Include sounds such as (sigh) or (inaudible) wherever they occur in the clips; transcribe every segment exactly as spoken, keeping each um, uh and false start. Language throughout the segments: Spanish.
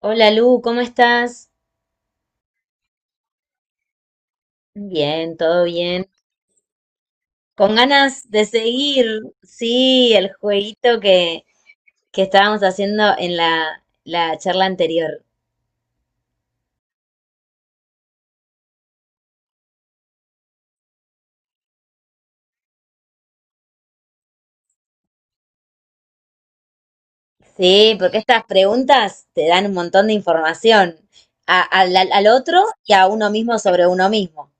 Hola Lu, ¿cómo estás? Bien, todo bien. Con ganas de seguir, sí, el jueguito que, que estábamos haciendo en la, la charla anterior. Sí, porque estas preguntas te dan un montón de información a- al, al al otro y a uno mismo sobre uno mismo.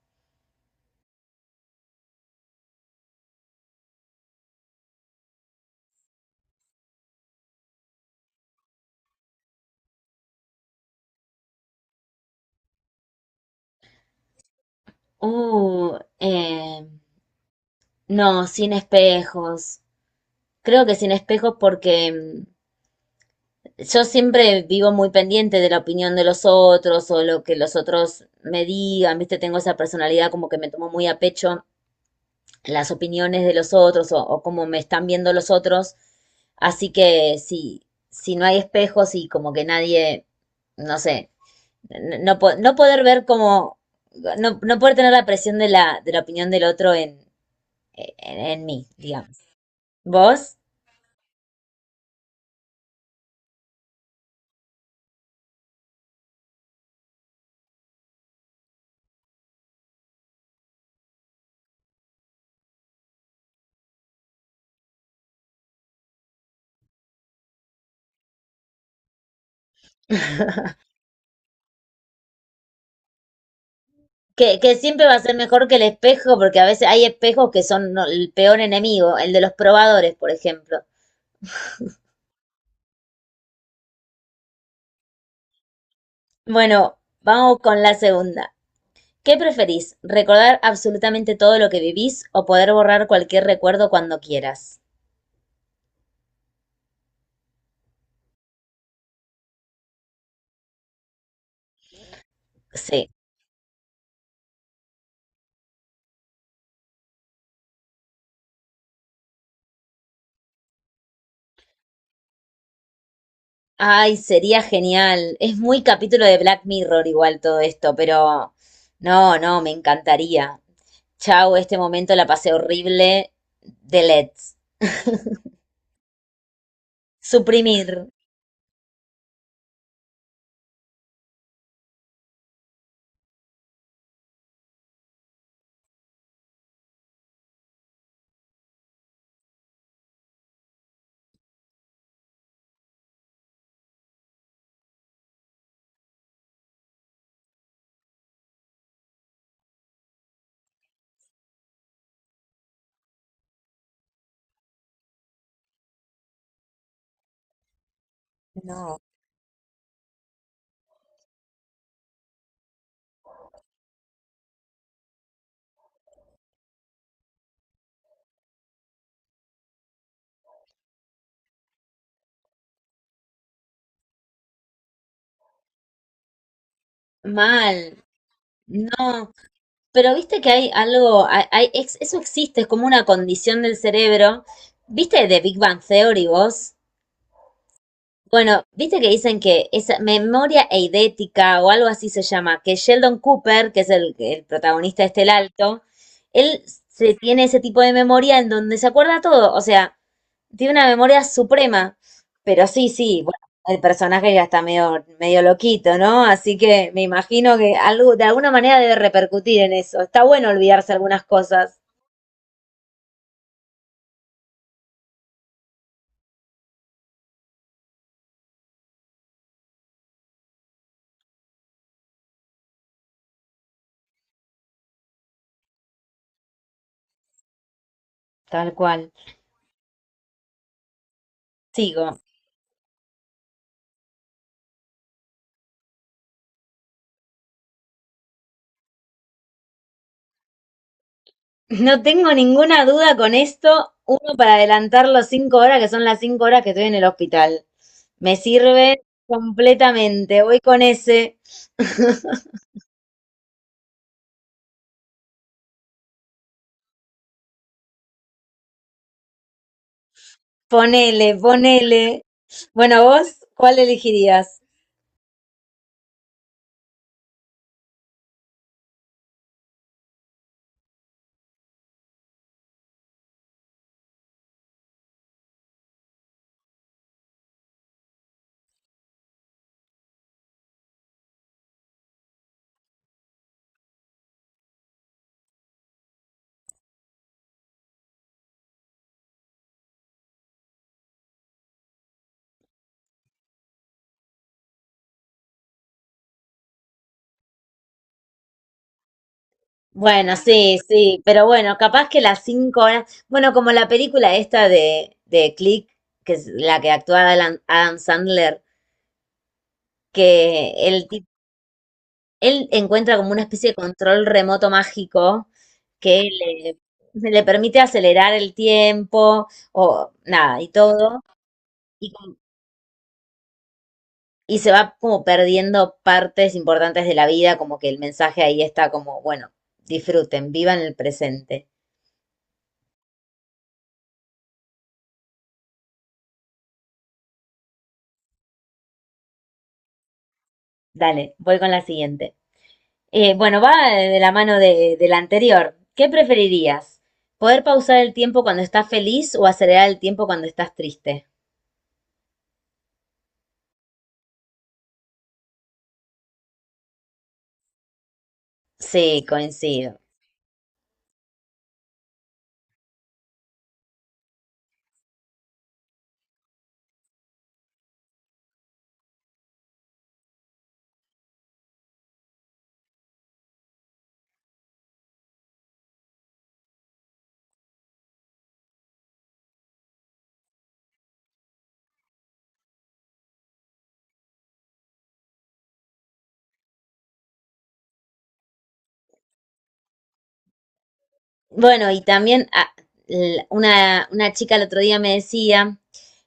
Uh, eh, no, sin espejos. Creo que sin espejos porque mm, yo siempre vivo muy pendiente de la opinión de los otros o lo que los otros me digan, ¿viste? Tengo esa personalidad como que me tomo muy a pecho las opiniones de los otros o, o cómo me están viendo los otros. Así que si, si no hay espejos y como que nadie, no sé, n- no, po- no poder ver como, no, no poder tener la presión de la, de la opinión del otro en, en, en mí, digamos. ¿Vos? Que, que siempre va a ser mejor que el espejo, porque a veces hay espejos que son no- el peor enemigo, el de los probadores, por ejemplo. Bueno, vamos con la segunda. ¿Qué preferís? ¿Recordar absolutamente todo lo que vivís o poder borrar cualquier recuerdo cuando quieras? Sí. Ay, sería genial. Es muy capítulo de Black Mirror igual todo esto, pero no, no, me encantaría. Chau, este momento la pasé horrible. Delete. (laughs) Suprimir. No. Mal. No, pero viste que hay algo, hay, hay- ex- eso existe, es como una condición del cerebro. ¿Viste de Big Bang Theory vos? Bueno, viste que dicen que esa memoria eidética o algo así se llama, que Sheldon Cooper, que es el, el protagonista de este El Alto, él se tiene ese tipo de memoria en donde se acuerda todo. O sea, tiene una memoria suprema, pero sí, sí, bueno, el personaje ya está medio, medio loquito, ¿no? Así que me imagino que algo, de alguna manera debe repercutir en eso. Está bueno olvidarse algunas cosas. Tal cual. Sigo. No tengo ninguna duda con esto. Uno para adelantar los cinco horas, que son las cinco horas que estoy en el hospital. Me sirve completamente. Voy con ese. (laughs) Ponele, ponele. Bueno, vos, ¿cuál elegirías? Bueno, sí, sí, pero bueno, capaz que las cinco horas, bueno, como la película esta de, de Click, que es la que actúa Alan- Adam Sandler, que el tip- él encuentra como una especie de control remoto mágico que le, le permite acelerar el tiempo o nada, y todo, y, como- y se va como perdiendo partes importantes de la vida, como que el mensaje ahí está como, bueno, disfruten, vivan el presente. Dale, voy con la siguiente. Eh, bueno, va de la mano de, de la anterior. ¿Qué preferirías? ¿Poder pausar el tiempo cuando estás feliz o acelerar el tiempo cuando estás triste? Sí, coincido. Bueno, y también ah, l- una, una chica el otro día me decía,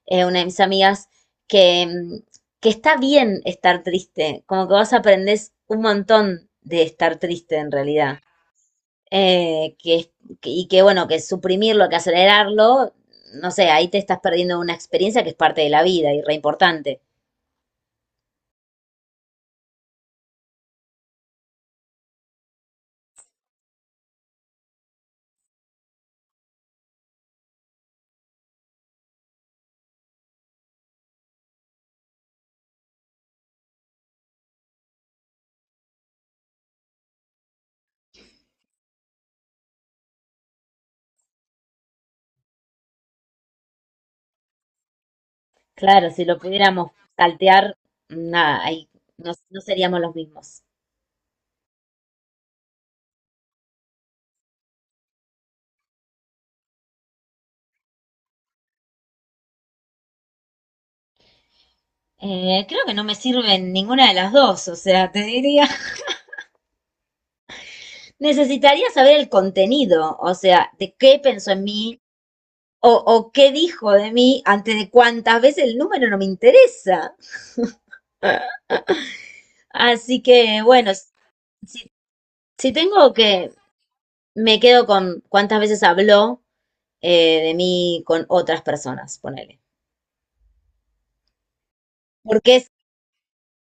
eh, una de mis amigas, que, mm, que está bien estar triste, como que vos aprendés un montón de estar triste en realidad. eh, que, es- que- y que bueno, que suprimirlo, que acelerarlo, no sé, ahí te estás perdiendo una experiencia que es parte de la vida y re importante. Claro, si lo pudiéramos saltear, nada, ahí no, no seríamos los mismos. Eh, creo que no me sirven ninguna de las dos, o sea, te diría. (laughs) Necesitaría saber el contenido, o sea, de qué pensó en mí o, o qué dijo de mí antes de cuántas veces el número no me interesa. Así que, bueno, si, si tengo que me quedo con cuántas veces habló eh, de mí con otras personas, ponele. Porque es,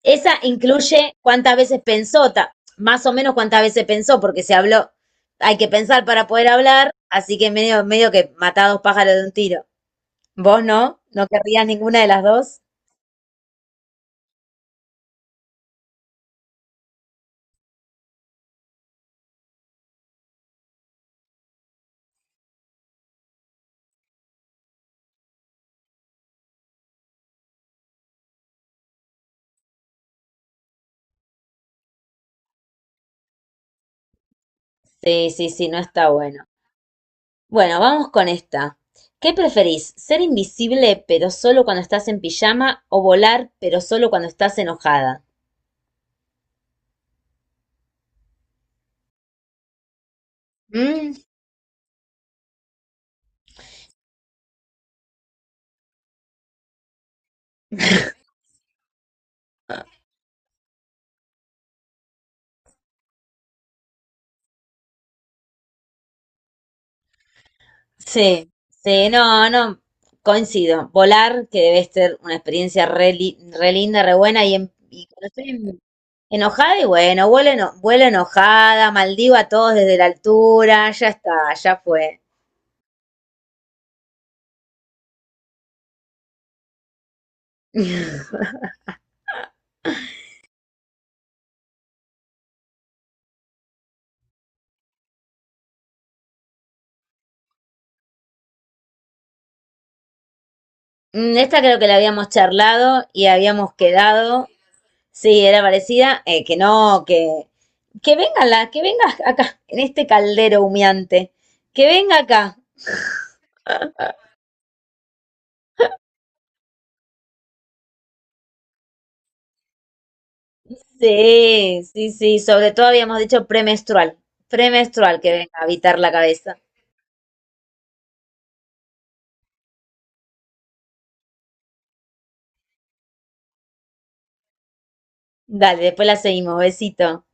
esa incluye cuántas veces pensó, ta- más o menos cuántas veces pensó, porque se habló, hay que pensar para poder hablar, así que medio, medio que matá a dos pájaros de un tiro. ¿Vos no? ¿No querrías ninguna de las dos? Sí, sí, sí, no está bueno. Bueno, vamos con esta. ¿Qué preferís? ¿Ser invisible pero solo cuando estás en pijama o volar pero solo cuando estás enojada? Mm. (laughs) Sí, sí, no, no, coincido. Volar, que debe ser una experiencia re, li- re linda, re buena, y, en- y cuando estoy en- enojada, y bueno, vuelo, eno- vuelo enojada, maldigo a todos desde la altura, ya está, ya fue. (laughs) Mm, esta creo que la habíamos charlado y habíamos quedado, sí, era parecida, eh, que no, que, que venga la, que venga acá, en este caldero humeante, que venga acá. Sí, sí, sí, sobre todo habíamos dicho premenstrual, premenstrual que venga a habitar la cabeza. Dale, después la seguimos, besito.